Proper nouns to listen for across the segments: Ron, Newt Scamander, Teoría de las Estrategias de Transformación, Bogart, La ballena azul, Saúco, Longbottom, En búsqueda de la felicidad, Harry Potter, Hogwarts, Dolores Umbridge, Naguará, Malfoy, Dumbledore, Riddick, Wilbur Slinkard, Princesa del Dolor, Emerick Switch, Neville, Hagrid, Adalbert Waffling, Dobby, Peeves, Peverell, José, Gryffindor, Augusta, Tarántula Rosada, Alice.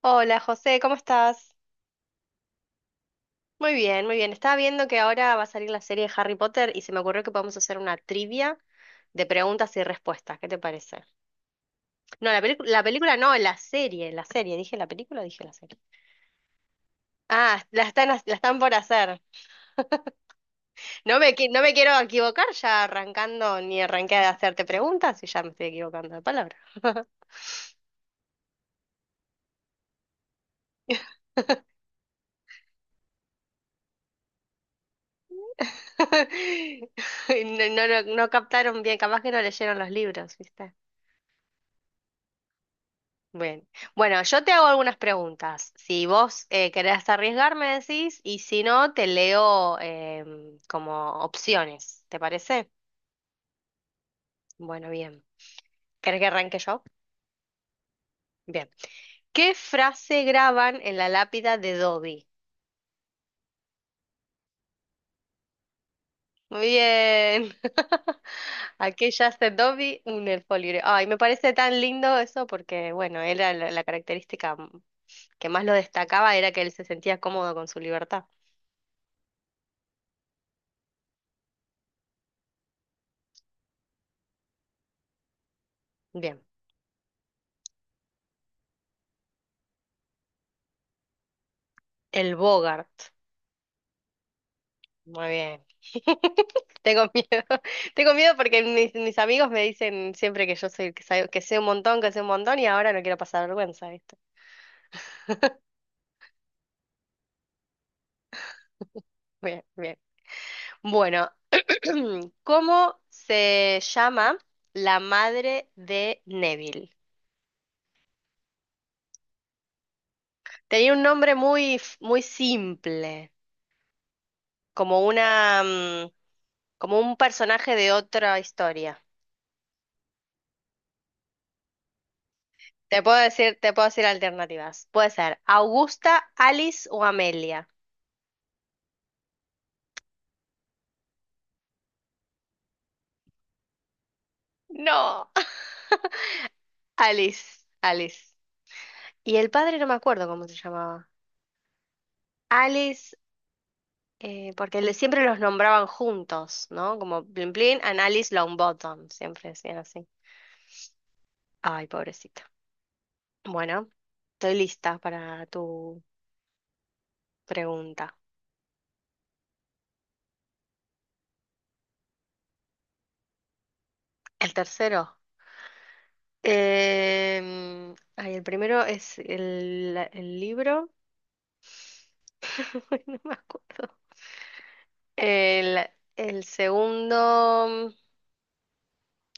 Hola José, ¿cómo estás? Muy bien, muy bien. Estaba viendo que ahora va a salir la serie de Harry Potter y se me ocurrió que podemos hacer una trivia de preguntas y respuestas. ¿Qué te parece? No, la película no, la serie, la serie. ¿Dije la película o dije la serie? Ah, la están por hacer. No me quiero equivocar ya arrancando, ni arranqué a hacerte preguntas y ya me estoy equivocando de palabra. No, no, no, no captaron bien, capaz que no leyeron los libros, ¿viste? Bien. Bueno, yo te hago algunas preguntas. Si vos querés arriesgar, me decís, y si no, te leo como opciones. ¿Te parece? Bueno, bien. ¿Querés que arranque yo? Bien. ¿Qué frase graban en la lápida de Dobby? Muy bien. Aquí yace Dobby un elfo libre. Ay, me parece tan lindo eso porque, bueno, era la característica que más lo destacaba era que él se sentía cómodo con su libertad. Bien. El Bogart. Muy bien. Tengo miedo. Tengo miedo porque mis amigos me dicen siempre que yo soy el que sabe, que sé un montón, que sé un montón y ahora no quiero pasar vergüenza, ¿viste? Bien, bien. Bueno, ¿cómo se llama la madre de Neville? Tenía un nombre muy simple, como una, mm, como un personaje de otra historia. Te puedo decir alternativas. Puede ser Augusta, Alice o Amelia. No. Alice, Alice. Y el padre no me acuerdo cómo se llamaba. Alice, porque siempre los nombraban juntos, ¿no? Como Plin Plin and Alice Longbottom, siempre decían así. Ay, pobrecita. Bueno, estoy lista para tu pregunta. El tercero. Ay, el primero es el libro. No me acuerdo. El, el segundo,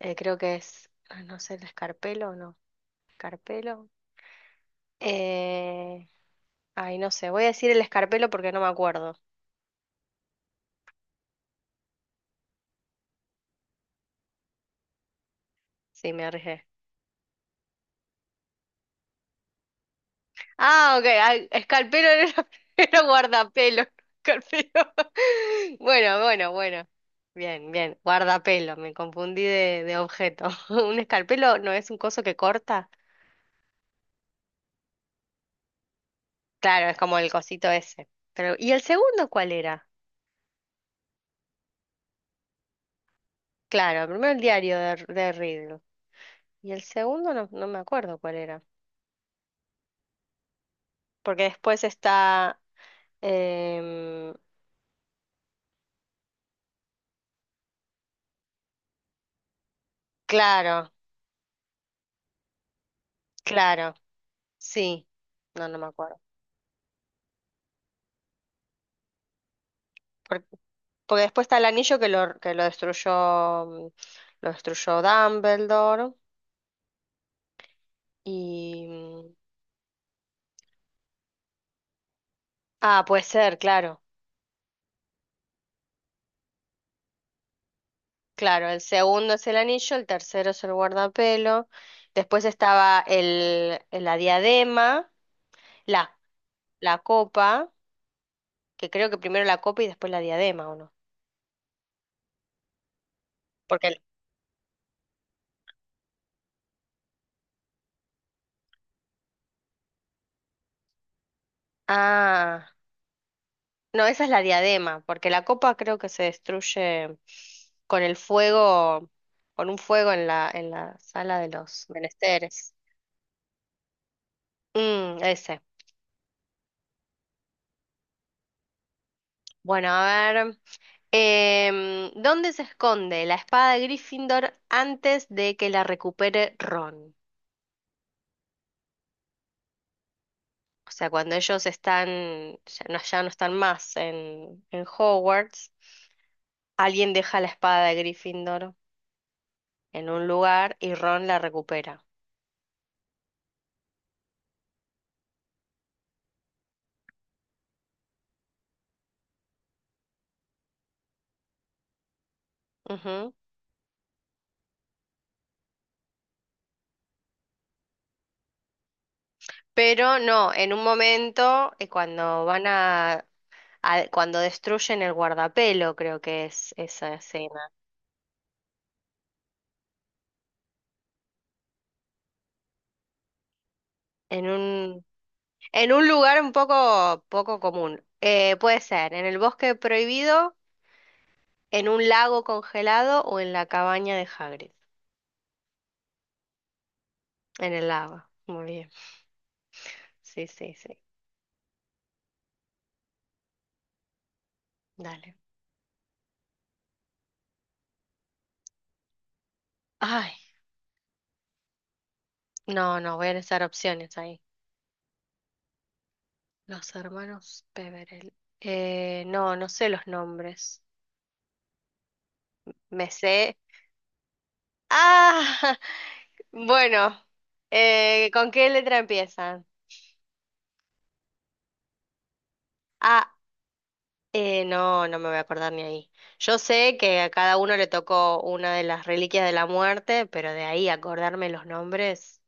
creo que es, ah, no sé, el escarpelo o no. Escarpelo. Eh, ay, no sé, voy a decir el escarpelo porque no me acuerdo. Sí, me arriesgué. Ah, ok, ay, escarpelo era, era guardapelo, escarpelo. Bueno, bueno, bueno. Bien, bien, guardapelo, me confundí de objeto. ¿Un escarpelo no es un coso que corta? Claro, es como el cosito ese. Pero, ¿y el segundo cuál era? Claro, primero el diario de Riddick. Y el segundo no me acuerdo cuál era. Porque después está. em, Claro. Claro, sí. No, no me acuerdo. Por- Porque, después está el anillo que lo destruyó, lo destruyó Dumbledore. Y... mm, Ah, puede ser, claro. Claro, el segundo es el anillo, el tercero es el guardapelo. Después estaba la diadema, la, la copa, que creo que primero la copa y después la diadema, ¿o no? Porque... el- Ah. No, esa es la diadema, porque la copa creo que se destruye con el fuego, con un fuego en la sala de los menesteres. Mm, ese. Bueno, a ver. ¿Dónde se esconde la espada de Gryffindor antes de que la recupere Ron? O sea, cuando ellos están, ya no, ya no están más en Hogwarts, alguien deja la espada de Gryffindor en un lugar y Ron la recupera. Pero no, en un momento, cuando van cuando destruyen el guardapelo, creo que es esa escena. En un, en un lugar un poco común. Puede ser en el bosque prohibido, en un lago congelado o en la cabaña de Hagrid. En el lago. Muy bien. Sí, sí, sí. Dale. Ay, no, no, voy a necesitar opciones ahí. Los hermanos Peverell. No, no sé los nombres. Me sé. Ah, bueno, ¿con qué letra empiezan? Ah, no, no me voy a acordar ni ahí. Yo sé que a cada uno le tocó una de las reliquias de la muerte, pero de ahí acordarme los nombres.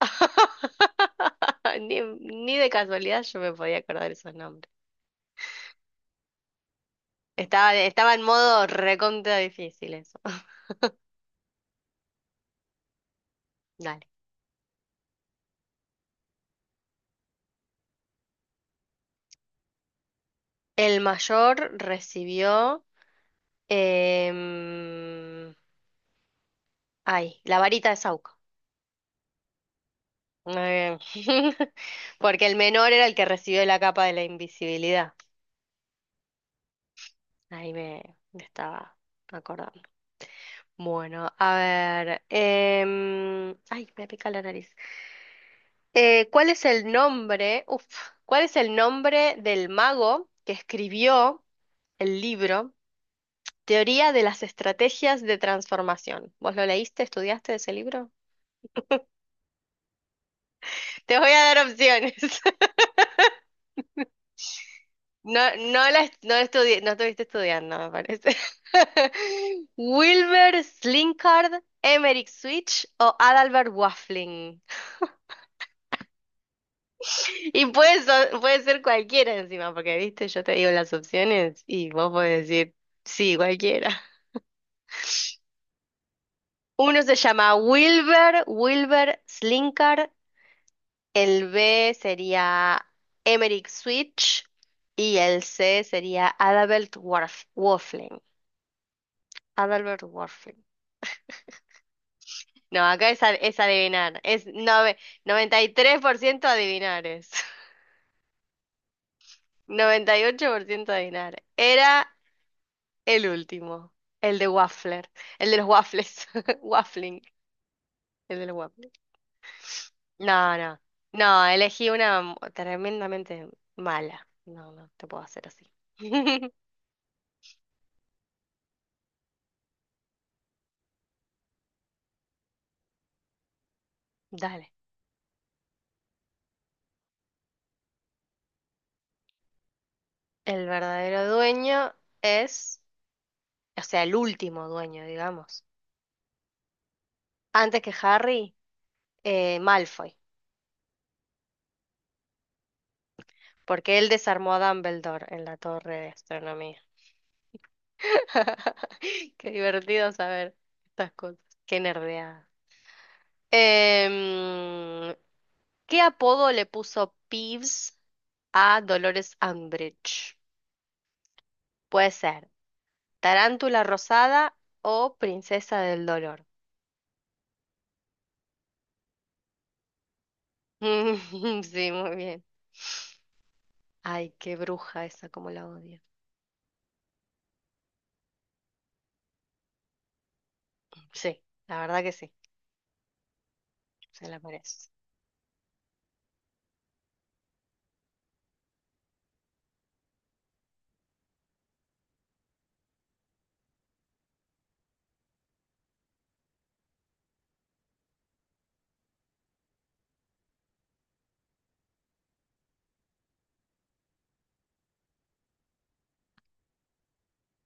Ni, ni de casualidad yo me podía acordar esos nombres. Estaba en modo recontra difícil eso. Dale. El mayor recibió, em, ay, la varita de Saúco. Muy bien. Porque el menor era el que recibió la capa de la invisibilidad. Ahí me estaba acordando. Bueno, a ver. Ay, me pica la nariz. ¿Cuál es el nombre? Uf, ¿cuál es el nombre del mago que escribió el libro Teoría de las Estrategias de Transformación? ¿Vos lo leíste, estudiaste ese libro? Te voy a dar opciones. No, no estudié, no estuviste estudiando, me parece. Wilbur Slinkard, Emerick Switch o Adalbert Waffling. Y puede ser cualquiera encima, porque viste, yo te digo las opciones y vos podés decir, sí, cualquiera. Uno se llama Wilbur Slinkard, el B sería Emerick Switch y el C sería Adalbert Waffling. Adalbert Waffling. No, es adivinar, es 93% adivinar es. 98% de Dinar. Era el último, el de Waffler, el de los waffles, waffling, el de los waffles. No, no, no, elegí una tremendamente mala. No, no, te puedo hacer así. Dale. El verdadero dueño es, o sea, el último dueño, digamos. Antes que Harry, Malfoy, porque él desarmó a Dumbledore en la torre de astronomía. Qué divertido saber estas cosas. Qué nerdeada. Em, ¿Qué apodo le puso Peeves a Dolores Umbridge? Puede ser Tarántula Rosada o Princesa del Dolor. Sí, muy bien. Ay, qué bruja esa, como la odio. Sí, la verdad que sí, se la merece.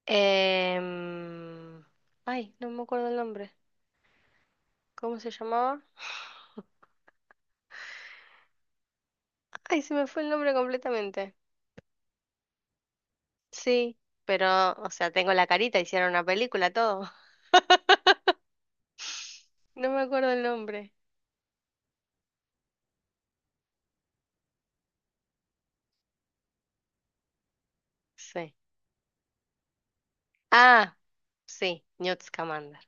Em, Ay, no me acuerdo el nombre. ¿Cómo se llamaba? Ay, se me fue el nombre completamente. Sí, pero, o sea, tengo la carita, hicieron una película, todo. No me acuerdo el nombre. Sí. Ah, sí, Newt Scamander.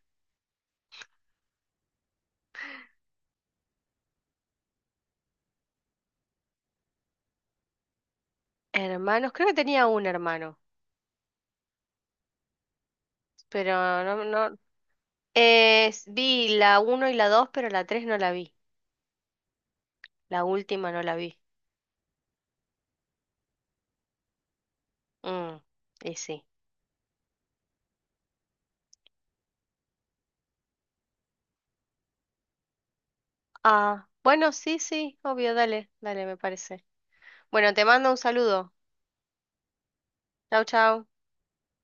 Hermanos, creo que tenía un hermano, pero no, no. eh, vi la uno y la 2, pero la 3 no la vi. La última no la vi. Mm, y sí. Ah, bueno, sí, sí, obvio, dale, dale, me parece. Bueno, te mando un saludo. Chau, chau.